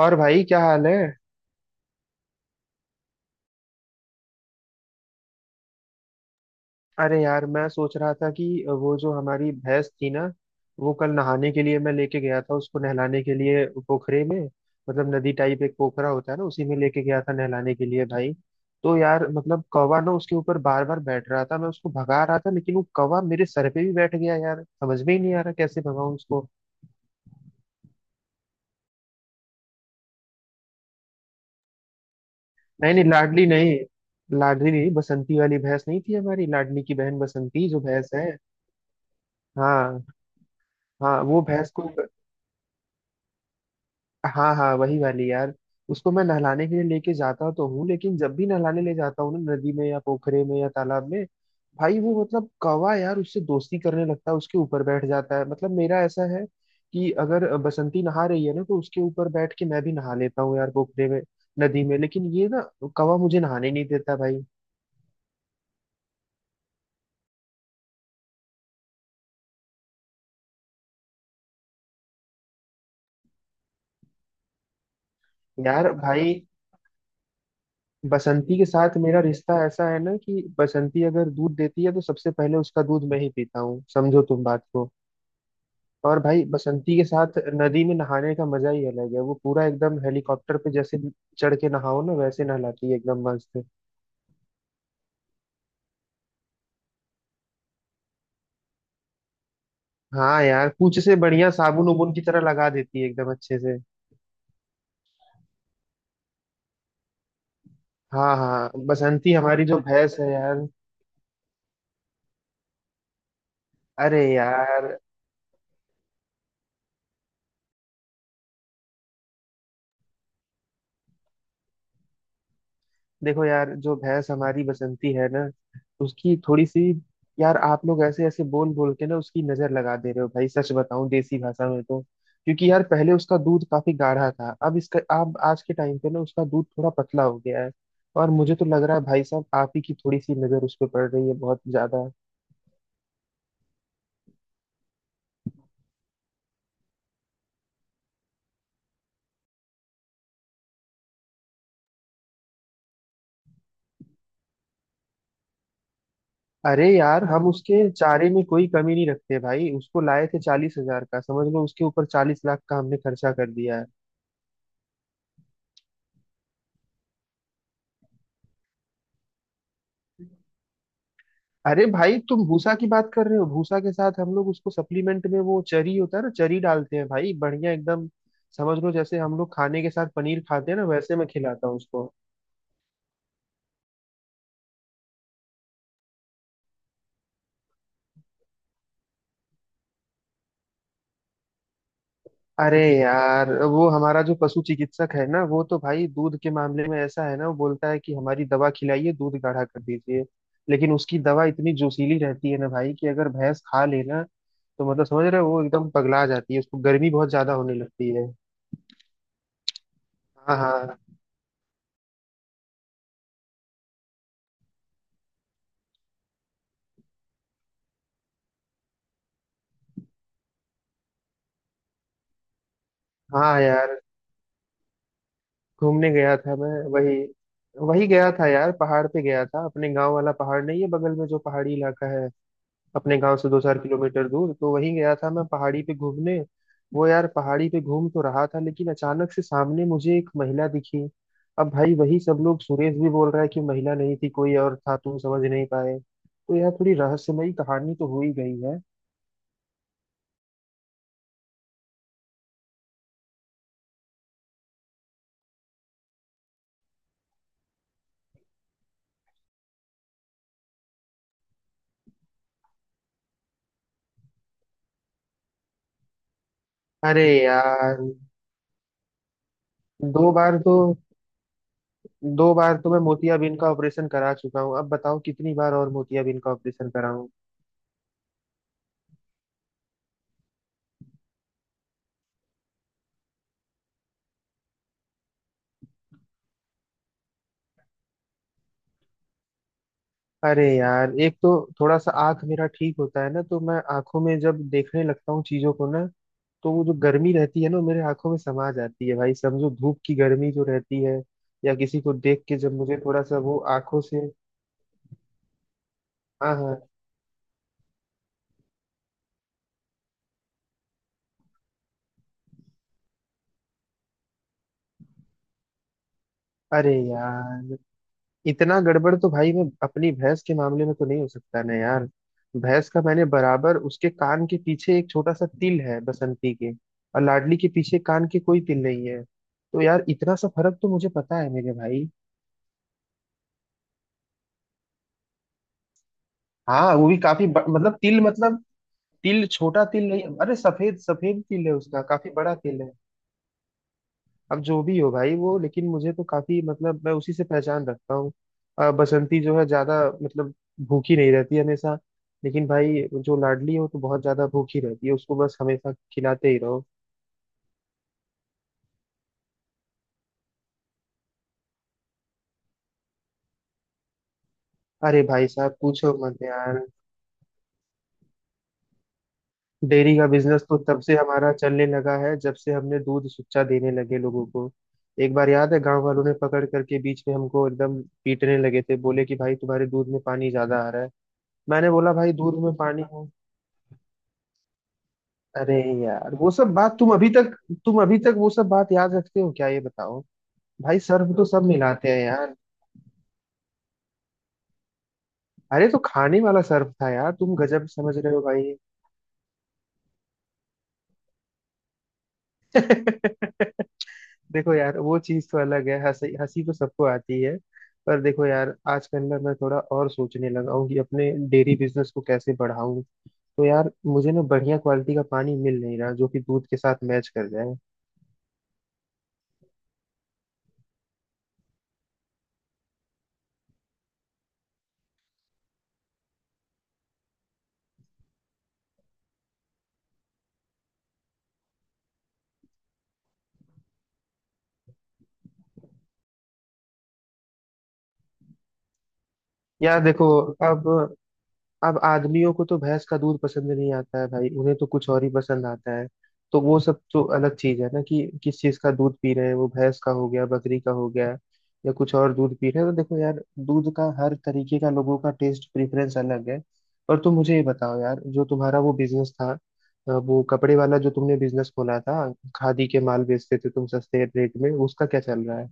और भाई क्या हाल है? अरे यार मैं सोच रहा था कि वो जो हमारी भैंस थी ना वो कल नहाने के लिए मैं लेके गया था उसको नहलाने के लिए पोखरे में। मतलब नदी टाइप एक पोखरा होता है ना उसी में लेके गया था नहलाने के लिए भाई। तो यार मतलब कौवा ना उसके ऊपर बार बार बैठ रहा था, मैं उसको भगा रहा था लेकिन वो कौवा मेरे सर पे भी बैठ गया यार, समझ में ही नहीं आ रहा कैसे भगाऊं उसको। नहीं नहीं, लाडली नहीं। लाडली नहीं, बसंती वाली भैंस नहीं थी हमारी, लाडली की बहन बसंती जो भैंस है। हाँ। हाँ वो भैंस को। हाँ हाँ, वही वाली यार। उसको मैं नहलाने के लिए लेके जाता तो हूँ, लेकिन जब भी नहलाने ले जाता हूँ ना नदी में या पोखरे में या तालाब में, भाई वो मतलब कौवा यार उससे दोस्ती करने लगता है, उसके ऊपर बैठ जाता है। मतलब मेरा ऐसा है कि अगर बसंती नहा रही है ना तो उसके ऊपर बैठ के मैं भी नहा लेता हूँ यार पोखरे में, नदी में। लेकिन ये ना कौवा मुझे नहाने नहीं देता भाई। यार भाई, बसंती के साथ मेरा रिश्ता ऐसा है ना कि बसंती अगर दूध देती है तो सबसे पहले उसका दूध मैं ही पीता हूँ, समझो तुम बात को। और भाई बसंती के साथ नदी में नहाने का मजा ही अलग है, वो पूरा एकदम हेलीकॉप्टर पे जैसे चढ़ के नहाओ ना वैसे नहलाती है, एकदम मस्त। हाँ यार, पूंछ से बढ़िया साबुन उबुन की तरह लगा देती है एकदम अच्छे से। हाँ हाँ, बसंती हमारी जो भैंस है यार। अरे यार। देखो यार जो भैंस हमारी बसंती है ना उसकी थोड़ी सी। यार आप लोग ऐसे ऐसे बोल बोल के ना उसकी नजर लगा दे रहे हो भाई, सच बताऊं देसी भाषा में तो। क्योंकि यार पहले उसका दूध काफी गाढ़ा था, अब आज के टाइम पे ना उसका दूध थोड़ा पतला हो गया है। और मुझे तो लग रहा है भाई साहब आप ही की थोड़ी सी नजर उस पर पड़ रही है, बहुत ज्यादा। अरे यार हम उसके चारे में कोई कमी नहीं रखते भाई, उसको लाए थे 40 हजार का समझ लो, उसके ऊपर 40 लाख का हमने खर्चा कर दिया है। अरे भाई तुम भूसा की बात कर रहे हो, भूसा के साथ हम लोग उसको सप्लीमेंट में वो चरी होता है ना चरी डालते हैं भाई, बढ़िया एकदम। समझ लो जैसे हम लोग खाने के साथ पनीर खाते हैं ना वैसे मैं खिलाता हूँ उसको। अरे यार वो हमारा जो पशु चिकित्सक है ना वो तो भाई दूध के मामले में ऐसा है ना, वो बोलता है कि हमारी दवा खिलाइए दूध गाढ़ा कर दीजिए। लेकिन उसकी दवा इतनी जोशीली रहती है ना भाई कि अगर भैंस खा लेना, तो मतलब समझ रहे हो वो एकदम पगला जाती है, उसको गर्मी बहुत ज्यादा होने लगती है। हाँ हाँ। हाँ यार घूमने गया था मैं। वही वही गया था यार, पहाड़ पे गया था, अपने गांव वाला पहाड़ नहीं है बगल में जो पहाड़ी इलाका है अपने गांव से दो चार किलोमीटर दूर, तो वहीं गया था मैं पहाड़ी पे घूमने। वो यार पहाड़ी पे घूम तो रहा था, लेकिन अचानक से सामने मुझे एक महिला दिखी। अब भाई वही सब लोग, सुरेश भी बोल रहा है कि महिला नहीं थी कोई और था तुम समझ नहीं पाए, तो यार थोड़ी रहस्यमयी कहानी तो हो ही गई है। अरे यार। दो बार तो दो बार तो मैं मोतियाबिंद का ऑपरेशन करा चुका हूँ, अब बताओ कितनी बार और मोतियाबिंद का ऑपरेशन कराऊं। अरे यार एक तो थोड़ा सा आंख मेरा ठीक होता है ना, तो मैं आंखों में जब देखने लगता हूँ चीजों को ना तो वो जो गर्मी रहती है ना वो मेरे आंखों में समा जाती है भाई, समझो धूप की गर्मी जो रहती है, या किसी को देख के जब मुझे थोड़ा सा वो आंखों से। हाँ हाँ। अरे यार इतना गड़बड़ तो भाई मैं अपनी भैंस के मामले में तो नहीं हो सकता ना यार। भैंस का मैंने बराबर उसके कान के पीछे एक छोटा सा तिल है बसंती के, और लाडली के पीछे कान के कोई तिल नहीं है, तो यार इतना सा फर्क तो मुझे पता है मेरे भाई। हाँ वो भी काफी मतलब तिल, मतलब तिल छोटा तिल नहीं, अरे सफेद सफेद तिल है उसका, काफी बड़ा तिल है। अब जो भी हो भाई वो, लेकिन मुझे तो काफी मतलब मैं उसी से पहचान रखता हूँ। बसंती जो है ज्यादा मतलब भूखी नहीं रहती हमेशा, लेकिन भाई जो लाडली हो तो बहुत ज्यादा भूखी रहती है, उसको बस हमेशा खिलाते ही रहो। अरे भाई साहब पूछो मत यार। डेयरी का बिजनेस तो तब से हमारा चलने लगा है जब से हमने दूध सुच्चा देने लगे लोगों को। एक बार याद है गांव वालों ने पकड़ करके बीच में हमको एकदम पीटने लगे थे, बोले कि भाई तुम्हारे दूध में पानी ज्यादा आ रहा है। मैंने बोला भाई दूध में पानी है। अरे यार वो सब बात तुम अभी तक वो सब बात याद रखते हो क्या, ये बताओ। भाई सर्फ तो सब मिलाते हैं यार। अरे तो खाने वाला सर्फ था यार, तुम गजब समझ रहे हो भाई। देखो यार वो चीज तो अलग है, हंसी हंसी तो सबको आती है। पर देखो यार आज के अंदर मैं थोड़ा और सोचने लगा हूँ कि अपने डेयरी बिजनेस को कैसे बढ़ाऊं। तो यार मुझे ना बढ़िया क्वालिटी का पानी मिल नहीं रहा जो कि दूध के साथ मैच कर जाए। यार देखो अब अब आदमियों को तो भैंस का दूध पसंद नहीं आता है भाई, उन्हें तो कुछ और ही पसंद आता है। तो वो सब तो अलग चीज है ना, कि किस चीज का दूध पी रहे हैं, वो भैंस का हो गया, बकरी का हो गया, या कुछ और दूध पी रहे हैं, तो देखो यार दूध का हर तरीके का लोगों का टेस्ट प्रेफरेंस अलग है। और तुम मुझे ये बताओ यार, जो तुम्हारा वो बिजनेस था, वो कपड़े वाला जो तुमने बिजनेस खोला था, खादी के माल बेचते थे तुम सस्ते रेट में, उसका क्या चल रहा है?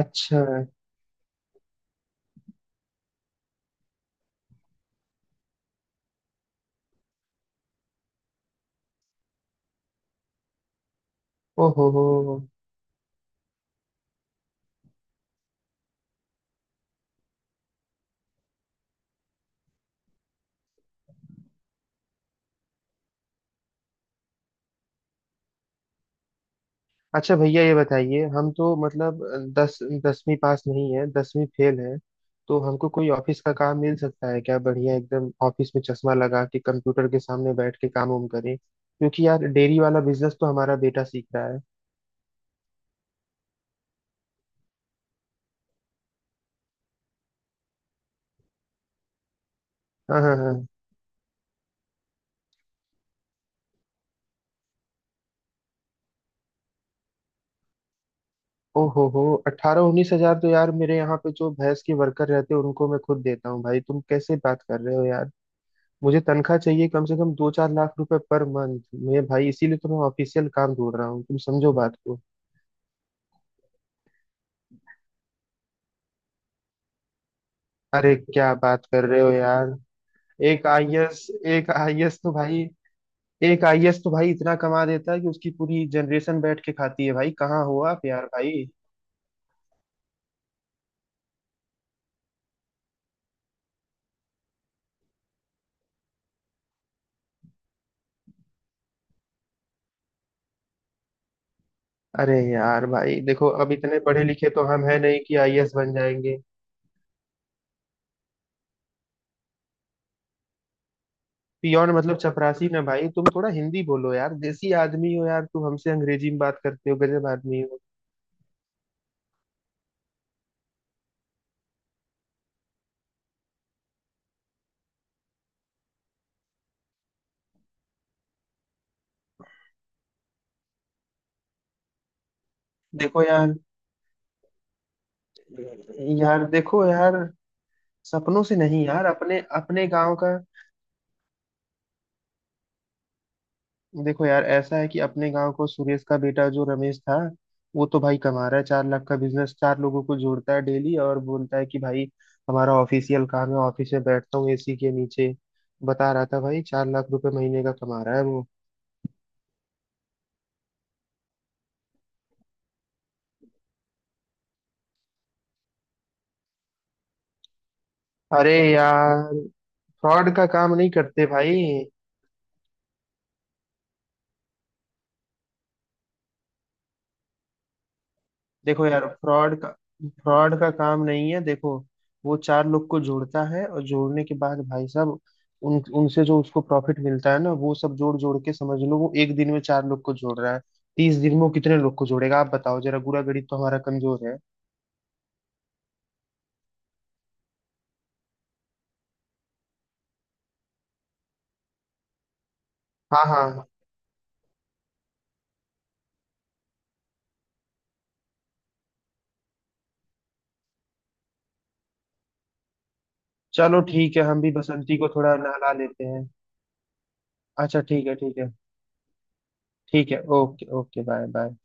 अच्छा। ओहो हो। अच्छा भैया ये बताइए, हम तो मतलब दस 10वीं पास नहीं है, 10वीं फेल है। तो हमको कोई ऑफिस का काम मिल सकता है क्या? बढ़िया एकदम ऑफिस में चश्मा लगा के कंप्यूटर के सामने बैठ के काम वाम करें, क्योंकि यार डेयरी वाला बिजनेस तो हमारा बेटा सीख रहा है। हाँ हाँ हाँ। ओ हो, अट्ठारह उन्नीस हजार तो यार मेरे यहाँ पे जो भैंस के वर्कर रहते हैं उनको मैं खुद देता हूँ भाई, तुम कैसे बात कर रहे हो यार। मुझे तनख्वाह चाहिए कम से कम दो चार लाख रुपए पर मंथ। मैं भाई इसीलिए तो मैं ऑफिशियल काम ढूंढ रहा हूँ, तुम समझो बात। अरे क्या बात कर रहे हो यार। एक आईएएस एक आईएएस तो भाई एक आईएएस तो भाई इतना कमा देता है कि उसकी पूरी जनरेशन बैठ के खाती है भाई, कहाँ हो आप यार भाई। अरे यार भाई देखो अब इतने पढ़े लिखे तो हम है नहीं कि आईएएस बन जाएंगे। पियोन मतलब चपरासी ना भाई, तुम थोड़ा हिंदी बोलो यार, देसी आदमी हो यार तुम, हमसे अंग्रेजी में बात करते हो, गजब आदमी हो। देखो यार। यार देखो यार सपनों से नहीं यार, अपने अपने गांव का। देखो यार ऐसा है कि अपने गांव को सुरेश का बेटा जो रमेश था, वो तो भाई कमा रहा है, 4 लाख का बिजनेस, चार लोगों को जोड़ता है डेली और बोलता है कि भाई हमारा ऑफिशियल काम है, ऑफिस में बैठता हूँ एसी के नीचे। बता रहा था भाई 4 लाख रुपए महीने का कमा रहा है वो। अरे यार फ्रॉड का काम नहीं करते भाई। देखो यार फ्रॉड का काम नहीं है देखो। वो चार लोग को जोड़ता है और जोड़ने के बाद भाई साहब उन उनसे जो उसको प्रॉफिट मिलता है ना वो सब जोड़ जोड़ के समझ लो, वो एक दिन में चार लोग को जोड़ रहा है, 30 दिन में वो कितने लोग को जोड़ेगा आप बताओ जरा, गुरा गणित तो हमारा कमजोर है। हाँ हाँ हाँ। चलो ठीक है, हम भी बसंती को थोड़ा नहला लेते हैं। अच्छा ठीक है ठीक है। ठीक है, ओके ओके, बाय बाय।